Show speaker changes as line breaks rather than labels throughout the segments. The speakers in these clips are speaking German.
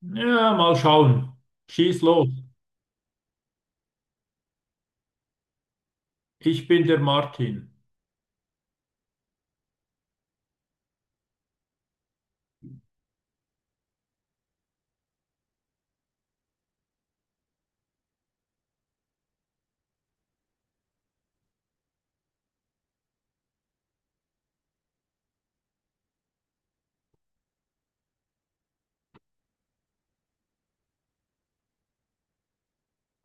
Ja, mal schauen. Schieß los. Ich bin der Martin.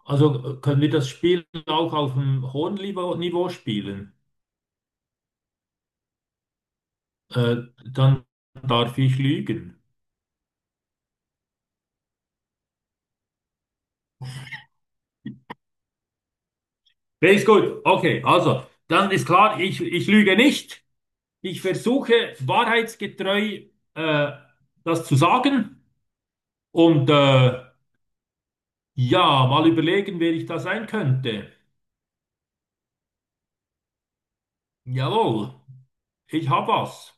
Also können wir das Spiel auch auf einem hohen Niveau spielen? Äh, Dann darf ich lügen. Okay, ist gut. Okay, also, dann ist klar, ich lüge nicht. Ich versuche wahrheitsgetreu äh, das zu sagen. Und ja, mal überlegen, wer ich da sein könnte. Jawohl, ich hab was.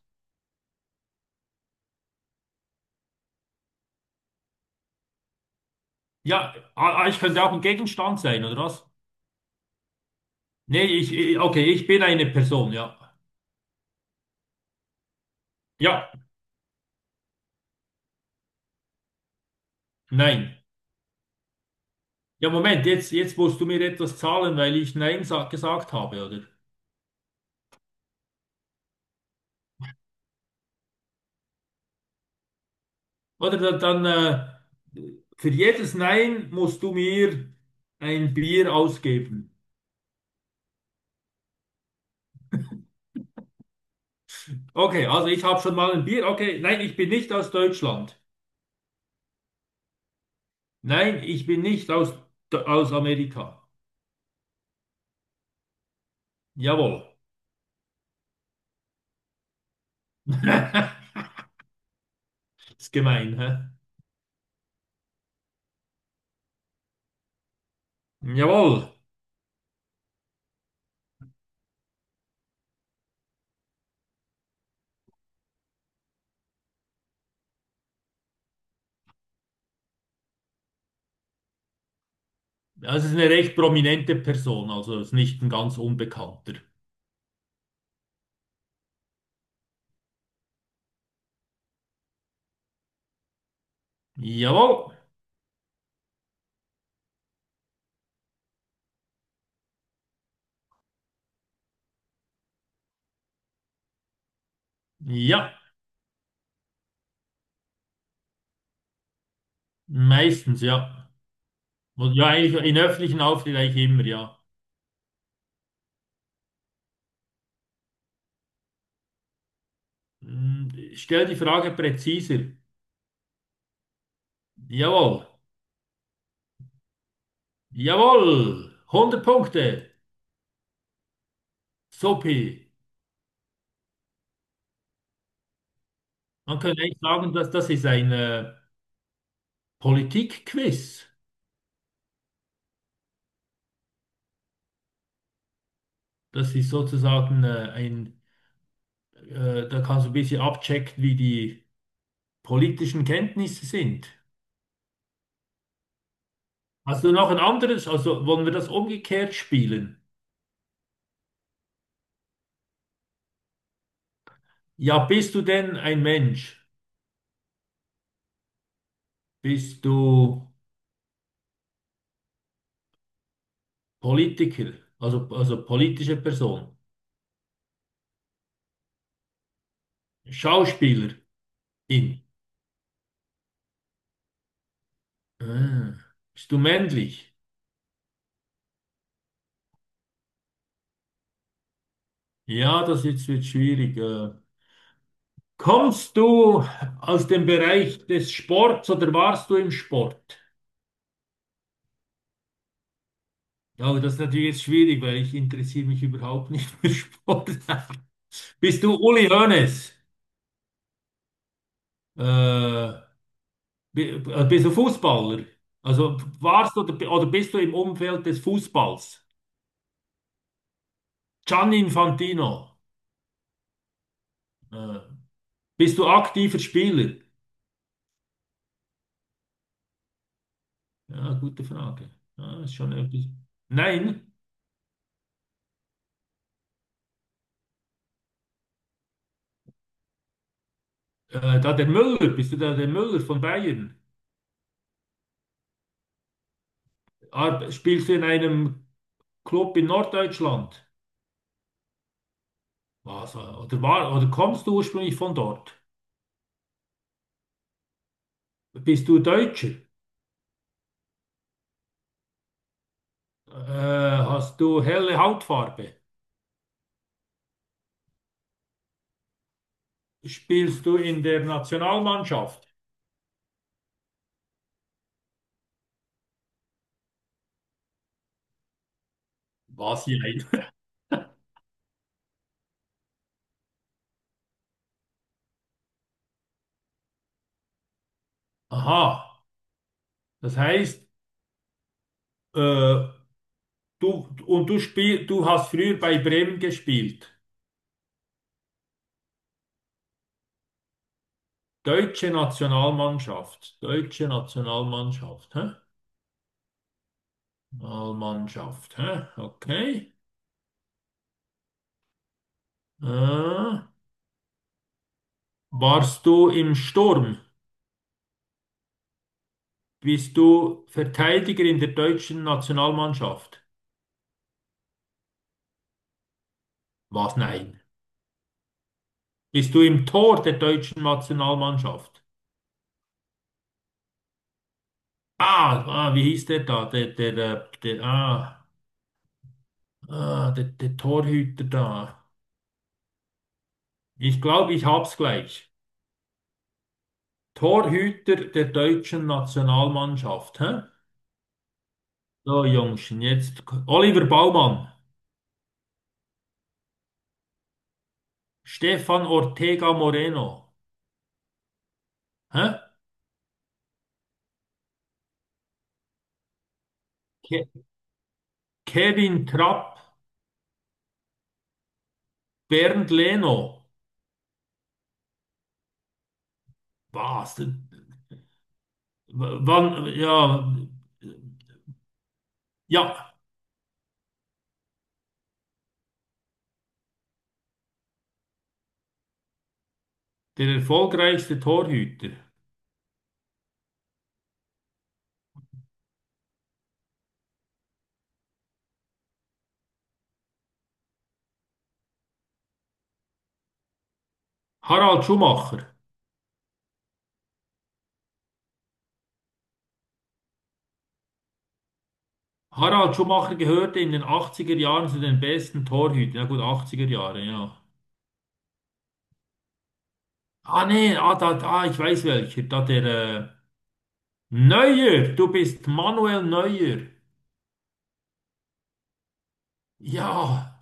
Ja, ich könnte auch ein Gegenstand sein, oder was? Nee, okay, ich bin eine Person, ja. Ja, nein. Ja, Moment, jetzt musst du mir etwas zahlen, weil ich Nein sa gesagt habe, oder? Oder dann, für jedes Nein musst du mir ein Bier ausgeben. Okay, also ich habe schon mal ein Bier. Okay, nein, ich bin nicht aus Deutschland. Nein, ich bin nicht aus Amerika. Jawohl. Ist gemein, hä? Jawohl. Das ist eine recht prominente Person, also ist nicht ein ganz Unbekannter. Jawohl. Ja, meistens, ja. Und ja, eigentlich in öffentlichen Auftritten eigentlich immer, ja. Hm, stell die Frage präziser. Jawohl. Jawohl, hundert Punkte. Sopi. Man könnte eigentlich sagen, dass das ist ein Politikquiz. Das ist sozusagen da kannst du ein bisschen abchecken, wie die politischen Kenntnisse sind. Hast du noch ein anderes? Also wollen wir das umgekehrt spielen? Ja, bist du denn ein Mensch? Bist du Politiker, also politische Person? Schauspielerin? Ah. Bist du männlich? Ja, das jetzt wird schwierig. Kommst du aus dem Bereich des Sports oder warst du im Sport? Ja, aber das ist natürlich jetzt schwierig, weil ich interessiere mich überhaupt nicht für Sport. Bist du Uli Hoeneß? Äh, bist du Fußballer? Also warst du oder, oder bist du im Umfeld des Fußballs? Gianni Infantino, äh, bist du aktiver Spieler? Ja, gute Frage. Ja, ist schon etwas. Nein, da der Müller, bist du da der Müller von Bayern? Ar spielst du in einem Club in Norddeutschland? Was, oder, war, oder kommst du ursprünglich von dort? Bist du Deutscher? Hast du helle Hautfarbe? Spielst du in der Nationalmannschaft? Was hier? Aha, das heißt, äh, Du, und du hast früher bei Bremen gespielt. Deutsche Nationalmannschaft. Deutsche Nationalmannschaft. Hä? Nationalmannschaft. Hä? Okay. Äh, warst du im Sturm? Bist du Verteidiger in der deutschen Nationalmannschaft? Was? Nein. Bist du im Tor der deutschen Nationalmannschaft? Ah, ah, wie hieß der da? Der, der, der, der, ah, ah, der, der Torhüter da. Ich glaube, ich hab's gleich. Torhüter der deutschen Nationalmannschaft. Hä? So, Jungschen, Oliver Baumann, Stefan Ortega Moreno, hä? Ke Kevin Trapp, Bernd Leno. Was? Wann, ja, der erfolgreichste Torhüter. Harald Schumacher. Harald Schumacher gehörte in den 80er Jahren zu den besten Torhütern. Ja gut, 80er Jahre, ja. Ah nee, ah, da, ah, ich weiß welcher. Da der, Neuer, du bist Manuel Neuer. Ja,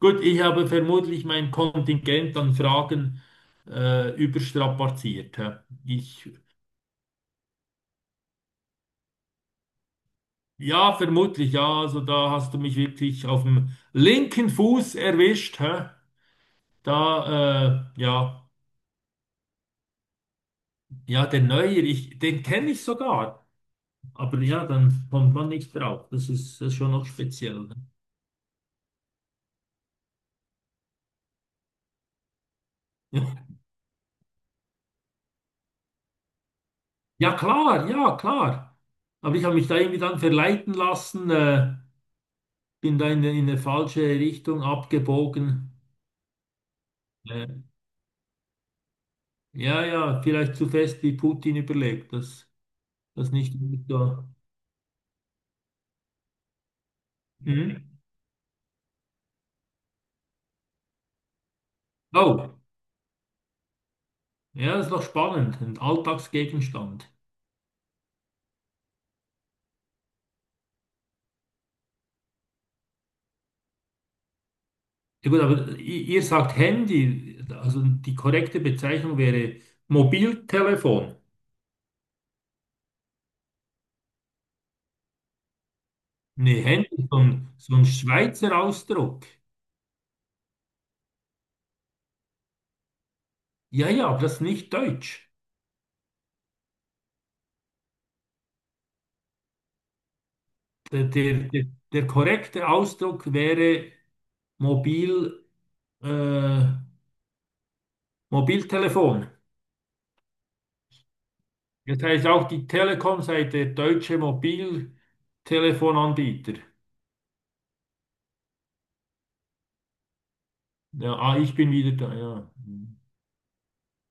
gut, ich habe vermutlich mein Kontingent an Fragen überstrapaziert. Hä? Ich, ja, vermutlich, ja, also da hast du mich wirklich auf dem linken Fuß erwischt. Hä? Da, ja, der Neuer, ich, den kenne ich sogar. Aber ja, dann kommt man nicht drauf. Das ist schon noch speziell, ne? Ja, klar, ja, klar. Aber ich habe mich da irgendwie dann verleiten lassen. Bin da in eine falsche Richtung abgebogen. Äh, ja, vielleicht zu fest wie Putin überlegt, das, das nicht gut da. Mhm. Oh, ja, das ist noch spannend, ein Alltagsgegenstand. Ja gut, aber ihr sagt Handy, also die korrekte Bezeichnung wäre Mobiltelefon. Nee, Handy, ist so ein Schweizer Ausdruck. Ja, ja, aber das ist nicht deutsch. Der, der, der, der korrekte Ausdruck wäre Mobil. Äh, Mobiltelefon. Das heißt auch die Telekom sei der deutsche Mobiltelefonanbieter. Ja, ah, ich bin wieder da, ja. Hm.